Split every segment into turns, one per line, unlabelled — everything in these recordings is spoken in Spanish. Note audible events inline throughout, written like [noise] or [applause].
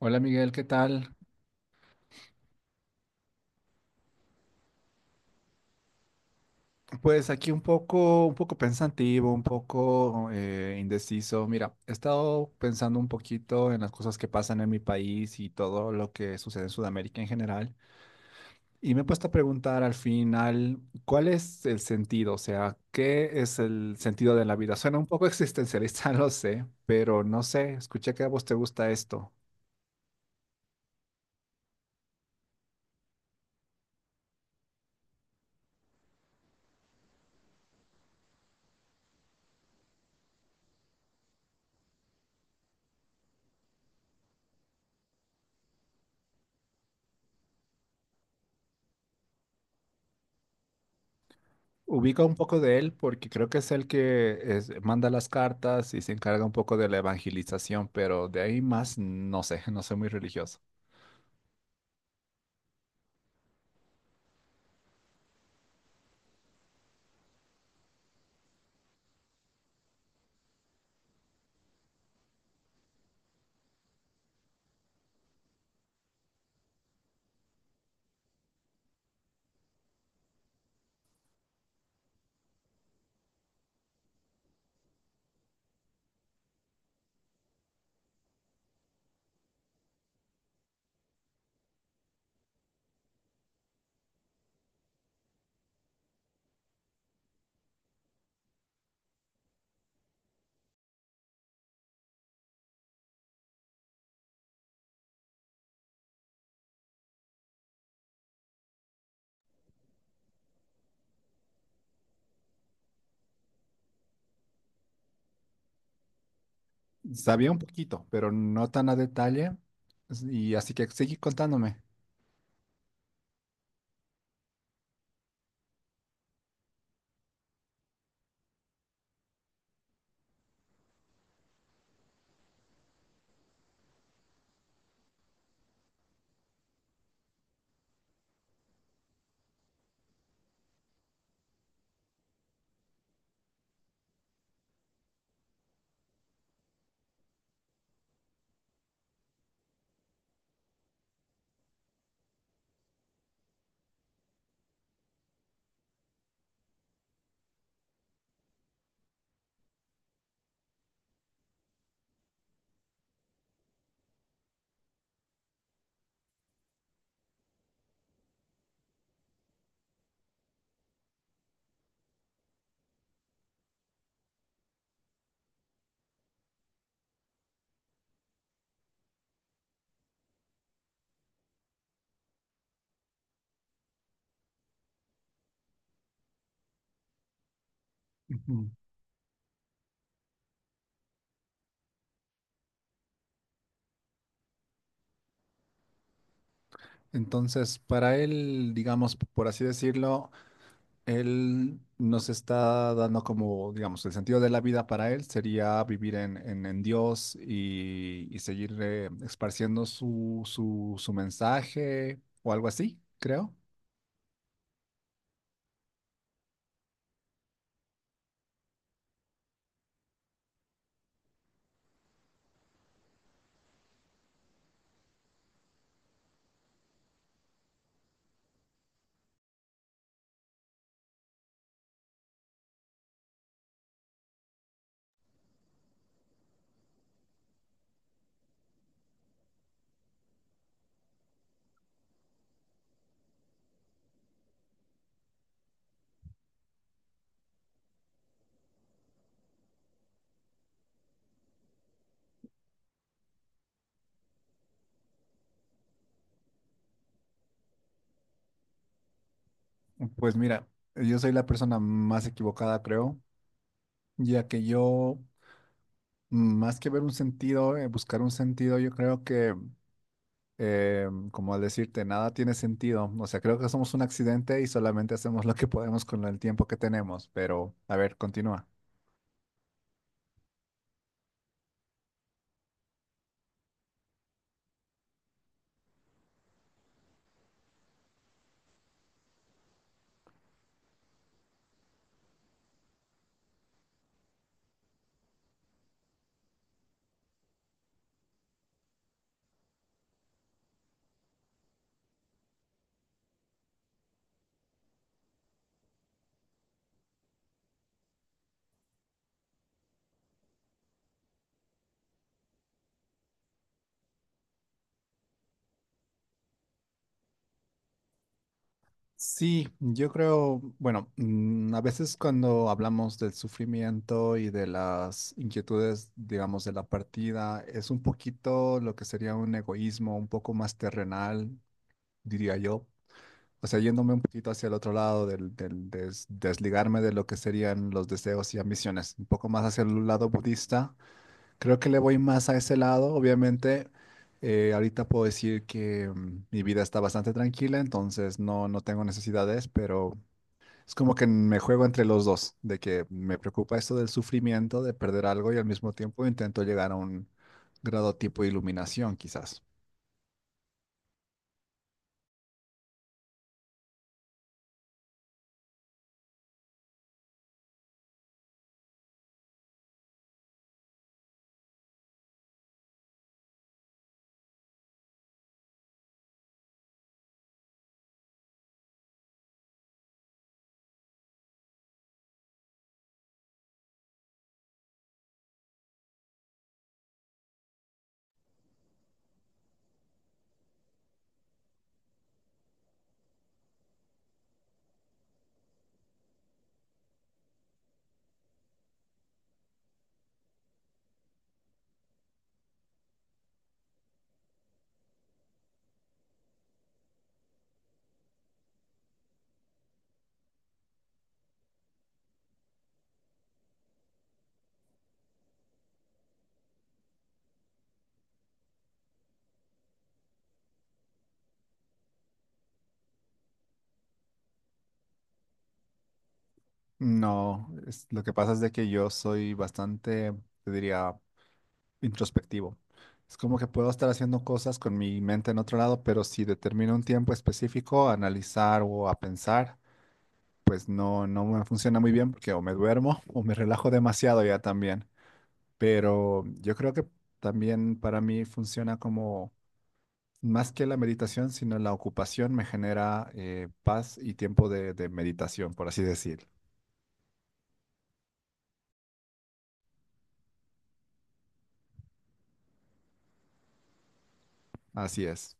Hola Miguel, ¿qué tal? Pues aquí un poco pensativo, un poco indeciso. Mira, he estado pensando un poquito en las cosas que pasan en mi país y todo lo que sucede en Sudamérica en general. Y me he puesto a preguntar al final, ¿cuál es el sentido? O sea, ¿qué es el sentido de la vida? Suena un poco existencialista, [laughs] lo sé, pero no sé, escuché que a vos te gusta esto. Ubica un poco de él porque creo que es el que es- manda las cartas y se encarga un poco de la evangelización, pero de ahí más no sé, [laughs] no soy muy religioso. Sabía un poquito, pero no tan a detalle, y así que sigue contándome. Ujú. Entonces, para él, digamos, por así decirlo, él nos está dando como, digamos, el sentido de la vida para él sería vivir en Dios y seguir esparciendo su, su, su mensaje o algo así, creo. Pues mira, yo soy la persona más equivocada, creo, ya que yo, más que ver un sentido, buscar un sentido, yo creo que, como al decirte, nada tiene sentido. O sea, creo que somos un accidente y solamente hacemos lo que podemos con el tiempo que tenemos, pero a ver, continúa. Sí, yo creo, bueno, mm, a veces cuando hablamos del sufrimiento y de las inquietudes, digamos, de la partida, es un poquito lo que sería un egoísmo un poco más terrenal, diría yo. O sea, yéndome un poquito hacia el otro lado, desligarme de lo que serían los deseos y ambiciones, un poco más hacia el lado budista. Creo que le voy más a ese lado, obviamente. Ahorita puedo decir que mm, mi vida está bastante tranquila, entonces no tengo necesidades, pero es como que me juego entre los dos, de que me preocupa esto del sufrimiento, de perder algo y al mismo tiempo intento llegar a un grado tipo de iluminación, quizás. No, es- Lo que pasa es de que yo soy bastante, te diría, introspectivo. Es como que puedo estar haciendo cosas con mi mente en otro lado, pero si determino un tiempo específico a analizar o a pensar, pues no me funciona muy bien porque o me duermo [laughs] o me relajo demasiado ya también. Pero yo creo que también para mí funciona como más que la meditación, sino la ocupación me genera paz y tiempo de meditación, por así decir. Así es.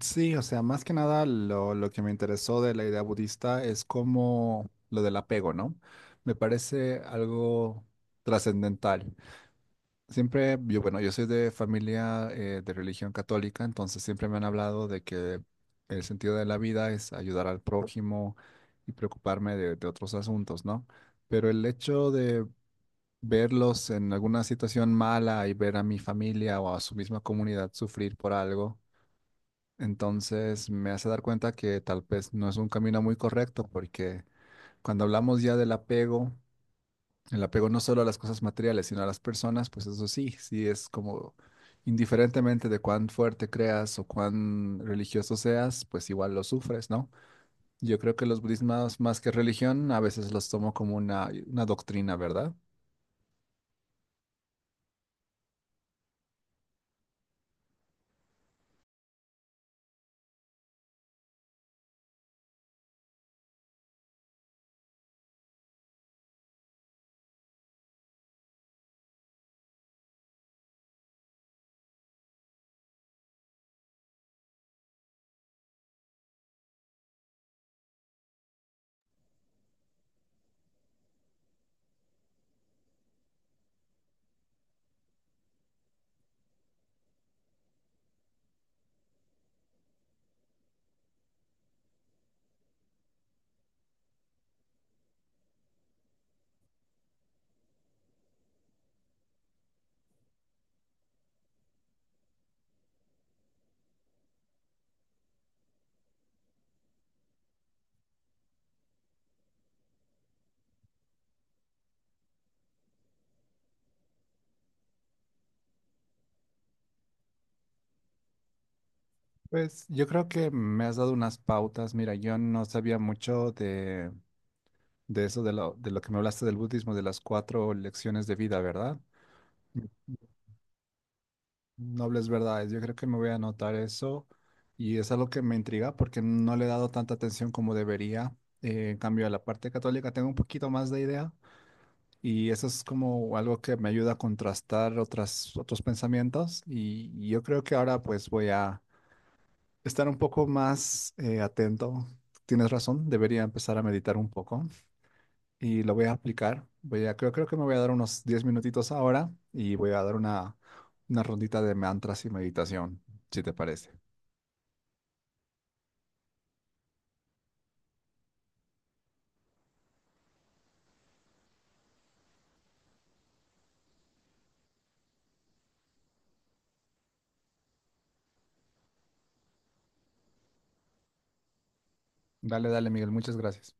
Sí, o sea, más que nada lo que me interesó de la idea budista es como lo del apego, ¿no? Me parece algo trascendental. Siempre, yo, bueno, yo soy de familia de religión católica, entonces siempre me han hablado de que el sentido de la vida es ayudar al prójimo y preocuparme de otros asuntos, ¿no? Pero el hecho de verlos en alguna situación mala y ver a mi familia o a su misma comunidad sufrir por algo, entonces me hace dar cuenta que tal vez no es un camino muy correcto, porque cuando hablamos ya del apego, el apego no solo a las cosas materiales, sino a las personas, pues eso sí, sí es como indiferentemente de cuán fuerte creas o cuán religioso seas, pues igual lo sufres, ¿no? Yo creo que los budismas, más que religión, a veces los tomo como una doctrina, ¿verdad? Pues yo creo que me has dado unas pautas. Mira, yo no sabía mucho de eso, de lo que me hablaste del budismo, de las cuatro lecciones de vida, ¿verdad? Nobles verdades. Yo creo que me voy a anotar eso y es algo que me intriga porque no le he dado tanta atención como debería. En cambio, a la parte católica tengo un poquito más de idea y eso es como algo que me ayuda a contrastar otras, otros pensamientos y yo creo que ahora pues voy a estar un poco más atento. Tienes razón, debería empezar a meditar un poco y lo voy a aplicar. Voy a, creo que me voy a dar unos 10 minutitos ahora y voy a dar una rondita de mantras y meditación, si te parece. Dale, dale, Miguel, muchas gracias.